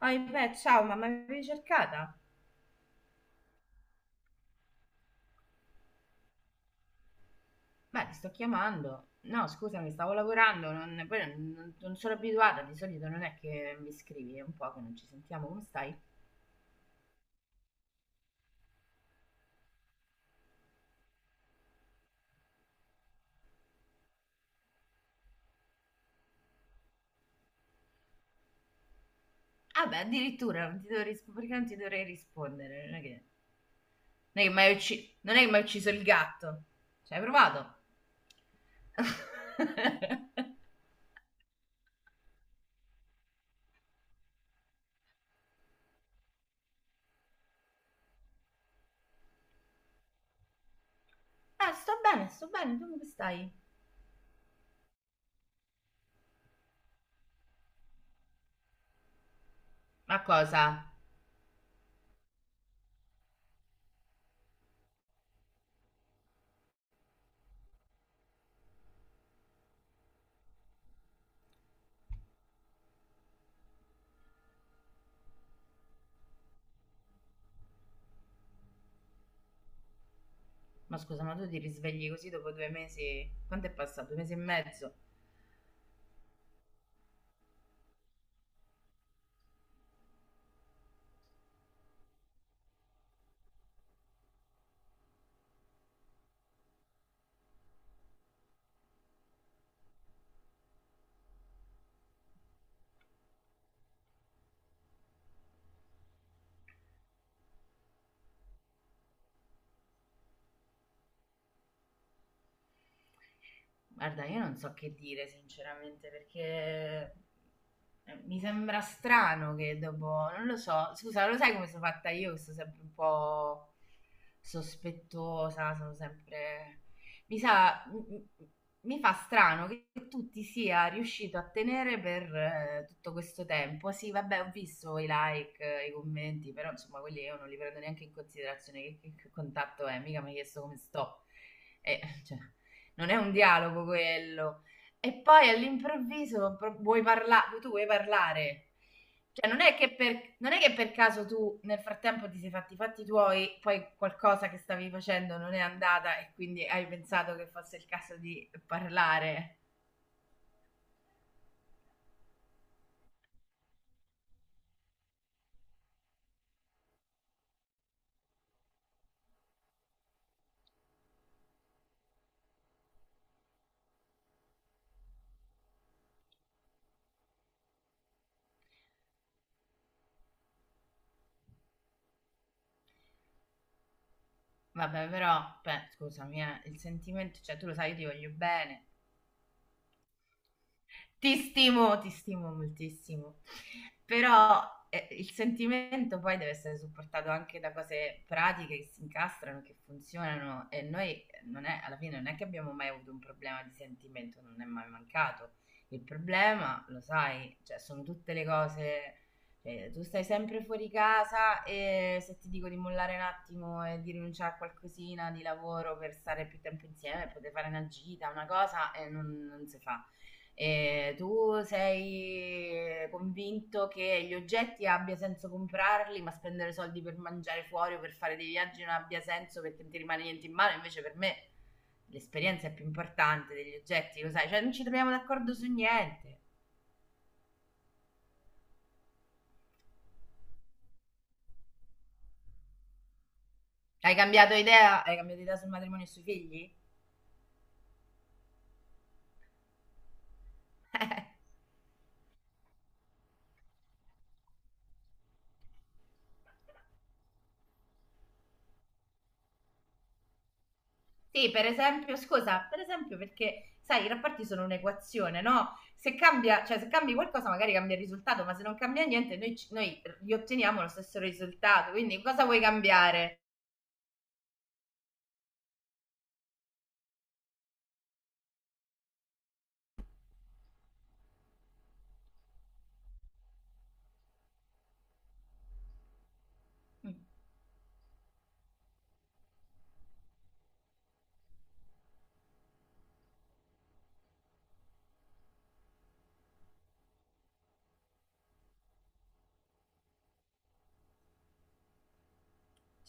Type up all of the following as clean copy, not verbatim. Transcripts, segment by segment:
Oh, beh, ciao, ma mi avevi cercata? Beh, ti sto chiamando. No, scusami, stavo lavorando, non sono abituata, di solito non è che mi scrivi, è un po' che non ci sentiamo, come stai? Ah beh, addirittura, non ti devo risp- perché non ti dovrei rispondere? Non è che, non è che mi hai ucci- non è che mi hai ucciso il gatto. Ci hai provato? Ah, sto bene, tu come stai? Ma cosa? Ma scusa, ma tu ti risvegli così dopo 2 mesi? Quanto è passato? 2 mesi e mezzo? Guarda, io non so che dire sinceramente perché mi sembra strano che dopo, non lo so, scusa, lo sai come sono fatta io, che sono sempre un po' sospettosa, sono sempre... Mi sa, mi, mi fa strano che tu ti sia riuscito a tenere per tutto questo tempo. Sì, vabbè, ho visto i like, i commenti, però insomma quelli io non li prendo neanche in considerazione, che contatto è, mica mi hai chiesto come sto. E, cioè, non è un dialogo quello. E poi all'improvviso vuoi parlare, tu vuoi parlare. Cioè, non è che per caso tu nel frattempo ti sei fatti i fatti tuoi, poi qualcosa che stavi facendo non è andata e quindi hai pensato che fosse il caso di parlare. Vabbè, però, beh, scusami, il sentimento, cioè tu lo sai, io ti voglio bene. Ti stimo moltissimo. Però il sentimento poi deve essere supportato anche da cose pratiche che si incastrano, che funzionano e noi non è, alla fine non è che abbiamo mai avuto un problema di sentimento, non è mai mancato. Il problema, lo sai, cioè, sono tutte le cose, cioè, tu stai sempre fuori casa e se ti dico di mollare un attimo e di rinunciare a qualcosina di lavoro per stare più tempo insieme, poter fare una gita, una cosa, non si fa. E tu sei convinto che gli oggetti abbia senso comprarli, ma spendere soldi per mangiare fuori o per fare dei viaggi non abbia senso perché non ti rimane niente in mano? Invece per me l'esperienza è più importante degli oggetti, lo sai, cioè non ci troviamo d'accordo su niente. Hai cambiato idea? Hai cambiato idea sul matrimonio e sui figli? Sì, per esempio, scusa, per esempio perché, sai, i rapporti sono un'equazione, no? Se cambia, cioè se cambi qualcosa magari cambia il risultato, ma se non cambia niente noi, noi gli otteniamo lo stesso risultato, quindi cosa vuoi cambiare? Mm.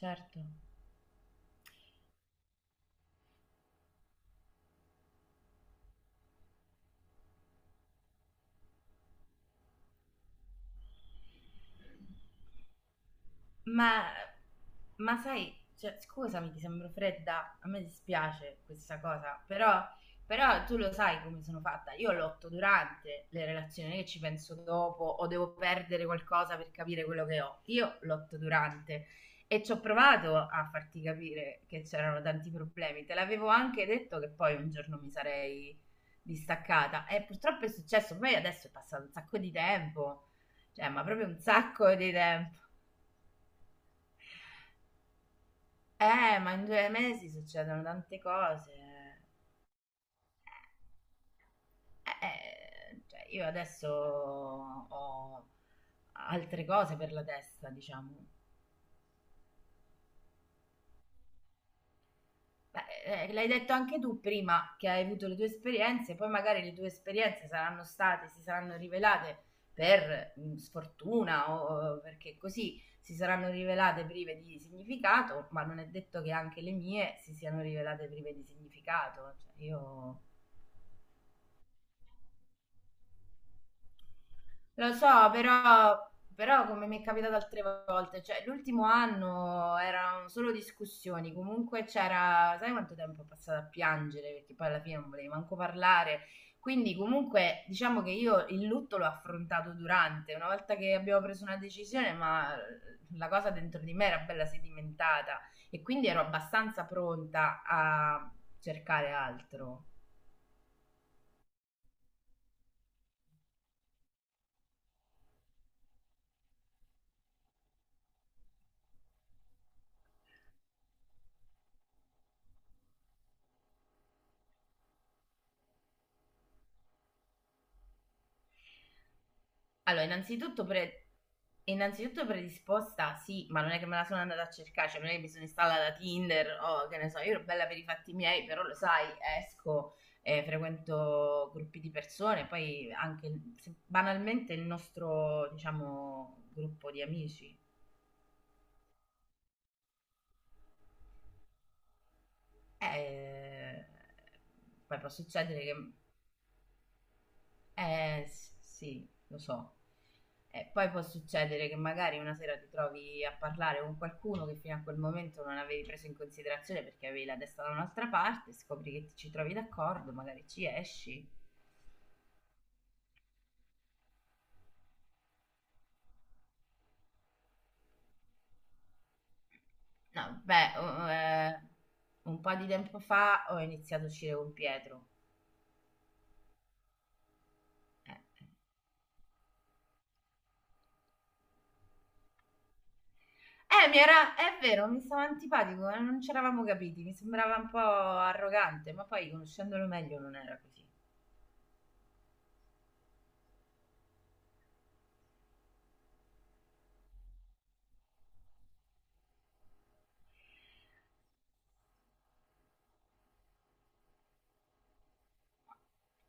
Certo. Ma, ma sai, cioè, scusami, ti sembro fredda, a me dispiace questa cosa, però, però tu lo sai come sono fatta. Io lotto durante le relazioni, non è che ci penso dopo o devo perdere qualcosa per capire quello che ho. Io lotto durante e ci ho provato a farti capire che c'erano tanti problemi. Te l'avevo anche detto che poi un giorno mi sarei distaccata e purtroppo è successo. Poi adesso è passato un sacco di tempo, cioè, ma proprio un sacco di tempo. Ma in 2 mesi succedono tante cose. Cioè, io adesso ho altre cose per la testa, diciamo. Beh, l'hai detto anche tu prima che hai avuto le tue esperienze, poi magari le tue esperienze saranno state, si saranno rivelate per sfortuna o perché così si saranno rivelate prive di significato, ma non è detto che anche le mie si siano rivelate prive di significato. Cioè, io. Lo so, però, però come mi è capitato altre volte, cioè l'ultimo anno erano solo discussioni, comunque c'era, sai quanto tempo ho passato a piangere, perché poi alla fine non volevi manco parlare, quindi comunque diciamo che io il lutto l'ho affrontato durante, una volta che abbiamo preso una decisione, ma la cosa dentro di me era bella sedimentata e quindi ero abbastanza pronta a cercare altro. Allora, innanzitutto predisposta, sì, ma non è che me la sono andata a cercare, cioè non è che mi sono installata Tinder o che ne so, io ero bella per i fatti miei, però lo sai, esco, frequento gruppi di persone, poi anche banalmente il nostro, diciamo, gruppo di amici. Eh, Poi può succedere che. Sì, lo so. E poi può succedere che magari una sera ti trovi a parlare con qualcuno che fino a quel momento non avevi preso in considerazione perché avevi la testa da un'altra parte, scopri che ci trovi d'accordo, magari ci esci. No, beh, un po' di tempo fa ho iniziato a uscire con Pietro. Eh, è vero, mi stava antipatico, non ci eravamo capiti, mi sembrava un po' arrogante, ma poi conoscendolo meglio non era così.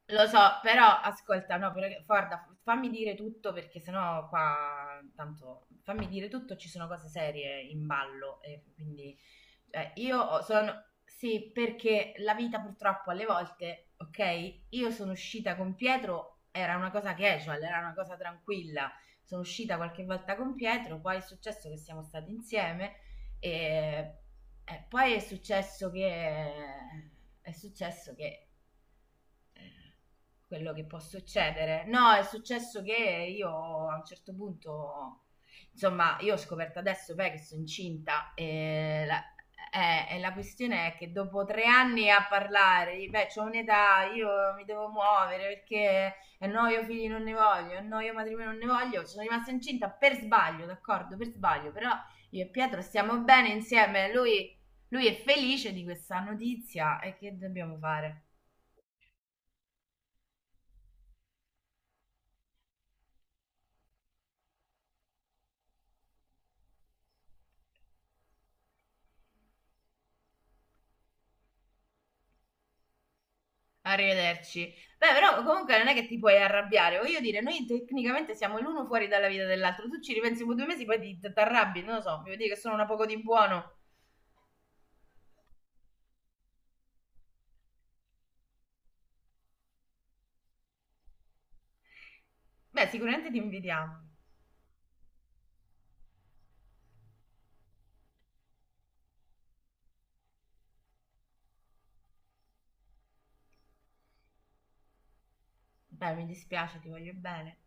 Lo so, però ascolta, no, però, guarda, fammi dire tutto perché sennò qua, tanto, fammi dire tutto, ci sono cose serie in ballo e quindi cioè, sì, perché la vita purtroppo alle volte, ok, io sono uscita con Pietro, era una cosa casual, era una cosa tranquilla, sono uscita qualche volta con Pietro, poi è successo che siamo stati insieme e, e poi è successo che, è successo che quello che può succedere. No, è successo che io a un certo punto, insomma, io ho scoperto adesso beh, che sono incinta e la questione è che dopo 3 anni a parlare, beh, c'ho un'età, io mi devo muovere perché no, io figli non ne voglio, no, io matrimonio non ne voglio, sono rimasta incinta per sbaglio, d'accordo, per sbaglio, però io e Pietro stiamo bene insieme, lui è felice di questa notizia e che dobbiamo fare? Arrivederci. Beh, però comunque non è che ti puoi arrabbiare. Voglio dire, noi tecnicamente siamo l'uno fuori dalla vita dell'altro. Tu ci ripensi per 2 mesi, poi ti arrabbi. Non lo so, mi vuoi dire che sono una poco di buono. Beh, sicuramente ti invidiamo. Beh, mi dispiace, ti voglio bene.